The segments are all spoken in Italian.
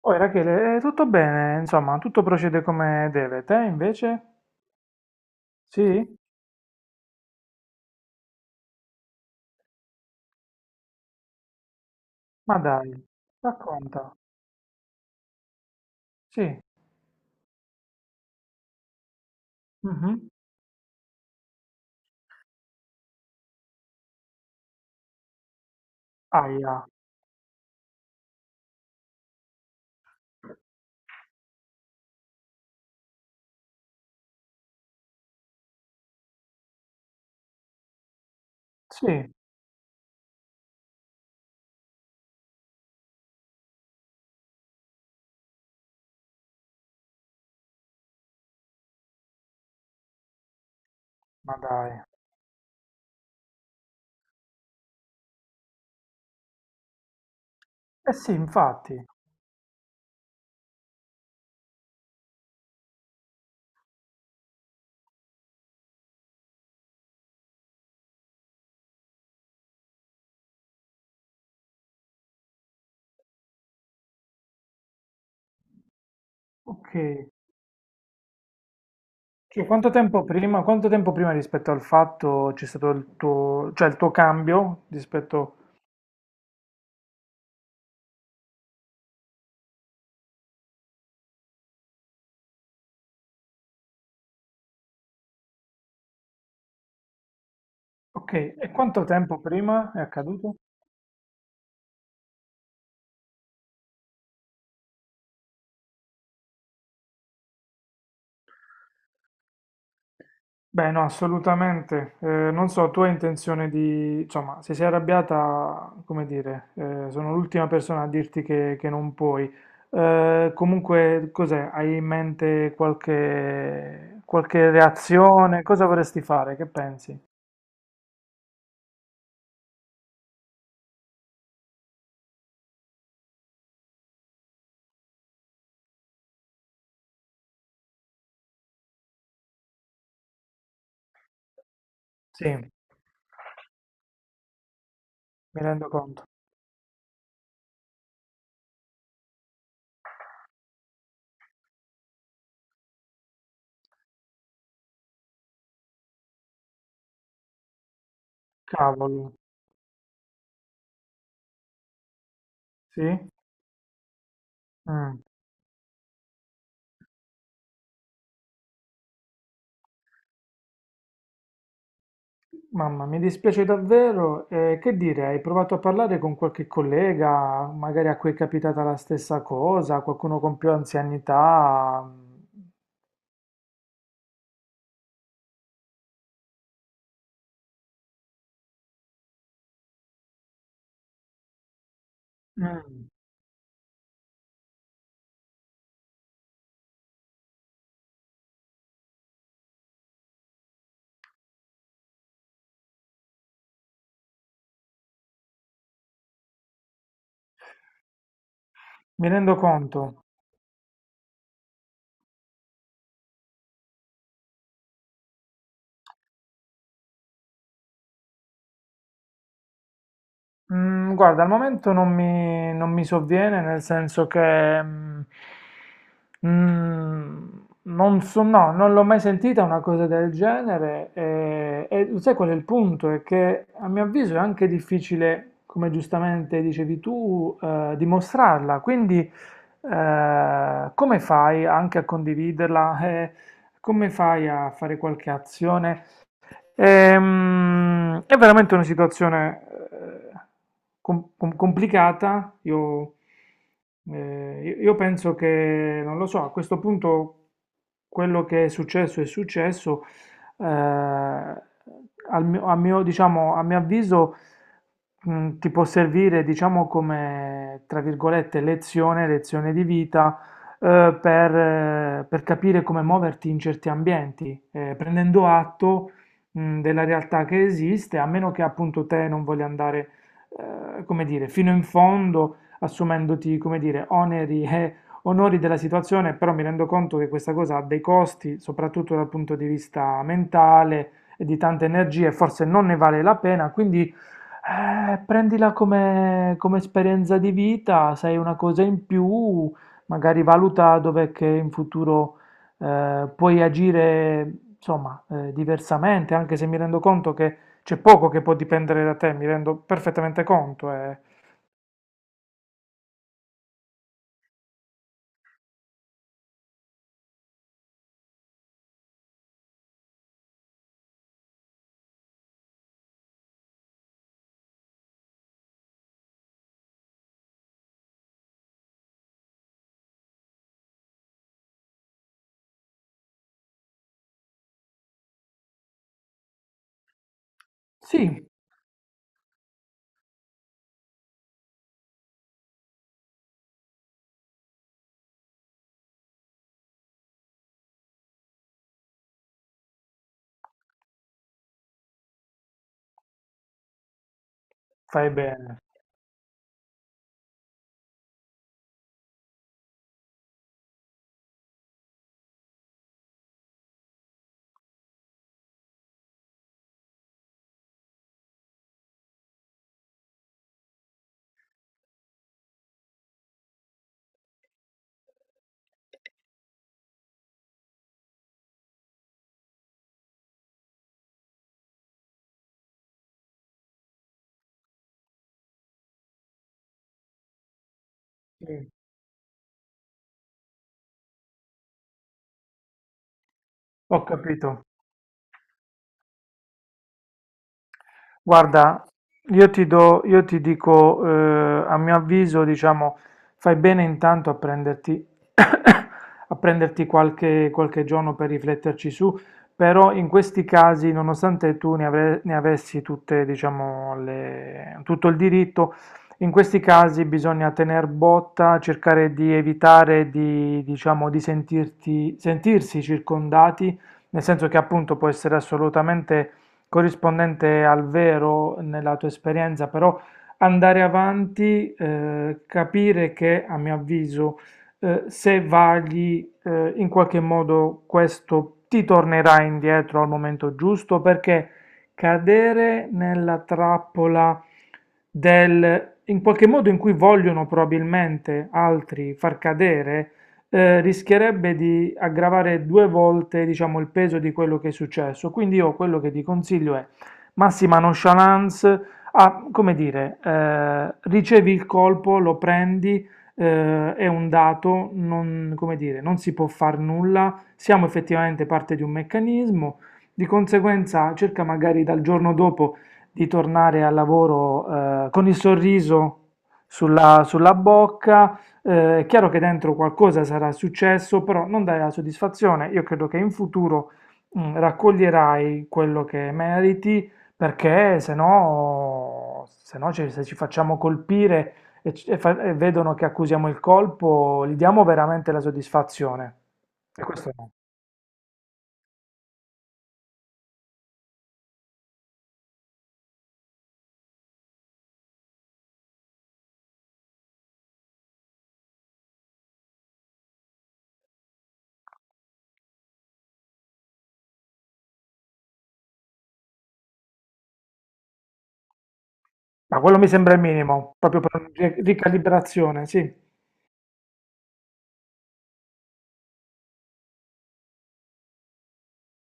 Oh, Rachele, tutto bene, insomma, tutto procede come deve. Te invece? Sì? Ma dai, racconta. Sì. Mhm. Aia. Sì, ma dai. Eh sì, infatti. Ok. Cioè, quanto tempo prima rispetto al fatto c'è stato il tuo, cioè il tuo cambio rispetto... Ok, e quanto tempo prima è accaduto? Beh, no, assolutamente. Non so, tu hai intenzione di... Insomma, se sei arrabbiata, come dire, sono l'ultima persona a dirti che non puoi. Comunque, cos'è? Hai in mente qualche reazione? Cosa vorresti fare? Che pensi? Sì, mi rendo conto. Cavolo. Sì? Mm. Mamma, mi dispiace davvero. Che dire, hai provato a parlare con qualche collega, magari a cui è capitata la stessa cosa, qualcuno con più anzianità? Mm. Mi rendo conto. Mm, guarda, al momento non mi sovviene, nel senso che mm, non so, no, non l'ho mai sentita una cosa del genere. E sai qual è il punto? È che a mio avviso è anche difficile, come giustamente dicevi tu, dimostrarla. Quindi, come fai anche a condividerla? Come fai a fare qualche azione? È veramente una situazione eh, complicata. Io penso che, non lo so, a questo punto quello che è successo è successo. Eh, al mio, a mio- diciamo, a mio avviso, ti può servire, diciamo, come, tra virgolette, lezione di vita per capire come muoverti in certi ambienti, prendendo atto della realtà che esiste, a meno che appunto te non voglia andare, come dire, fino in fondo, assumendoti, come dire, oneri e onori della situazione, però mi rendo conto che questa cosa ha dei costi, soprattutto dal punto di vista mentale e di tante energie, forse non ne vale la pena, quindi prendila come, come esperienza di vita, sai una cosa in più, magari valuta dov'è che in futuro puoi agire insomma diversamente, anche se mi rendo conto che c'è poco che può dipendere da te, mi rendo perfettamente conto. Sì, fai bene, sì, ho capito. Guarda, io ti dico, a mio avviso, diciamo, fai bene intanto a prenderti, a prenderti qualche giorno per rifletterci su, però in questi casi, nonostante ne avessi tutte, diciamo, tutto il diritto, in questi casi bisogna tener botta, cercare di evitare di, diciamo, sentirsi circondati, nel senso che appunto può essere assolutamente corrispondente al vero nella tua esperienza, però andare avanti, capire che, a mio avviso, se vagli in qualche modo questo ti tornerà indietro al momento giusto, perché cadere nella trappola in qualche modo in cui vogliono probabilmente altri far cadere, rischierebbe di aggravare due volte, diciamo, il peso di quello che è successo. Quindi io quello che ti consiglio è massima nonchalance, come dire, ricevi il colpo, lo prendi, è un dato, non, come dire, non si può far nulla, siamo effettivamente parte di un meccanismo, di conseguenza cerca magari dal giorno dopo di tornare al lavoro con il sorriso sulla bocca, è chiaro che dentro qualcosa sarà successo, però non dai la soddisfazione. Io credo che in futuro raccoglierai quello che meriti, perché se no se ci facciamo colpire e vedono che accusiamo il colpo, gli diamo veramente la soddisfazione. E questo no. Ma quello mi sembra il minimo, proprio per una ricalibrazione, sì.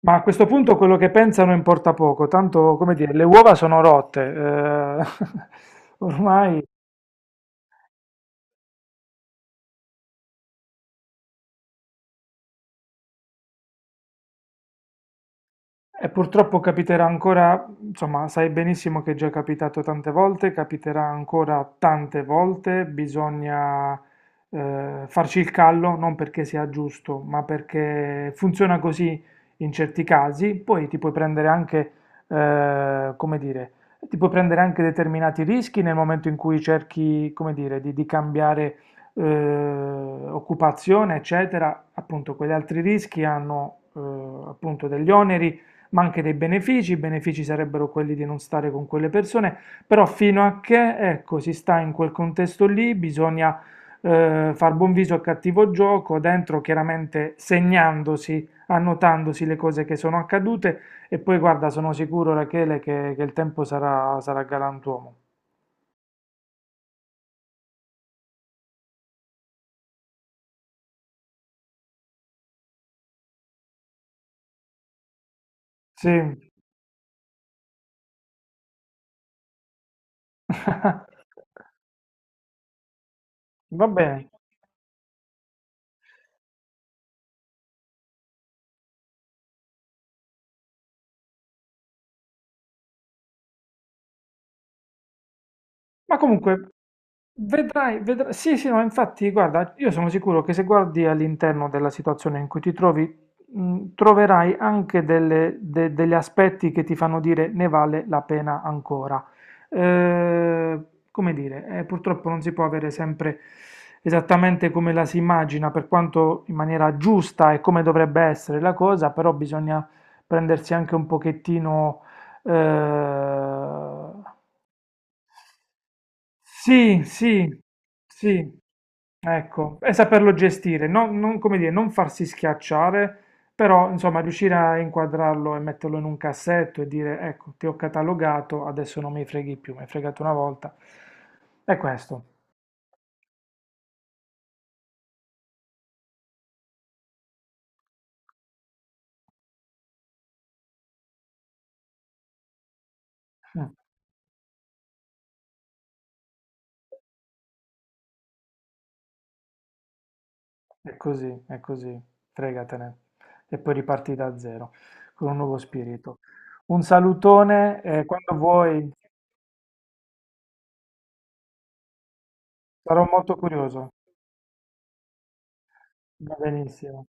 Ma a questo punto quello che pensano importa poco, tanto come dire, le uova sono rotte, ormai. E purtroppo capiterà ancora, insomma, sai benissimo che è già capitato tante volte, capiterà ancora tante volte, bisogna farci il callo, non perché sia giusto, ma perché funziona così in certi casi, poi ti puoi prendere anche, come dire, ti puoi prendere anche determinati rischi nel momento in cui cerchi, come dire, di cambiare eh, occupazione, eccetera, appunto, quegli altri rischi hanno appunto degli oneri ma anche dei benefici. I benefici sarebbero quelli di non stare con quelle persone, però fino a che, ecco, si sta in quel contesto lì, bisogna far buon viso al cattivo gioco, dentro chiaramente segnandosi, annotandosi le cose che sono accadute e poi guarda, sono sicuro Rachele che il tempo sarà galantuomo. Sì, va bene. Ma comunque, vedrai, vedrai. Sì, sì, no, infatti, guarda, io sono sicuro che se guardi all'interno della situazione in cui ti trovi, troverai anche degli aspetti che ti fanno dire ne vale la pena ancora. Eh, come dire, purtroppo non si può avere sempre esattamente come la si immagina, per quanto in maniera giusta e come dovrebbe essere la cosa, però bisogna prendersi anche un pochettino eh, sì, sì, sì, ecco, e saperlo gestire, non, come dire, non farsi schiacciare, però insomma riuscire a inquadrarlo e metterlo in un cassetto e dire ecco, ti ho catalogato, adesso non mi freghi più, mi hai fregato una volta. È questo, mm, è così, fregatene. E poi riparti da zero, con un nuovo spirito. Un salutone e quando vuoi, sarò molto curioso. Va benissimo.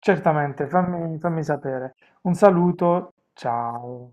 Certamente, fammi sapere. Un saluto, ciao.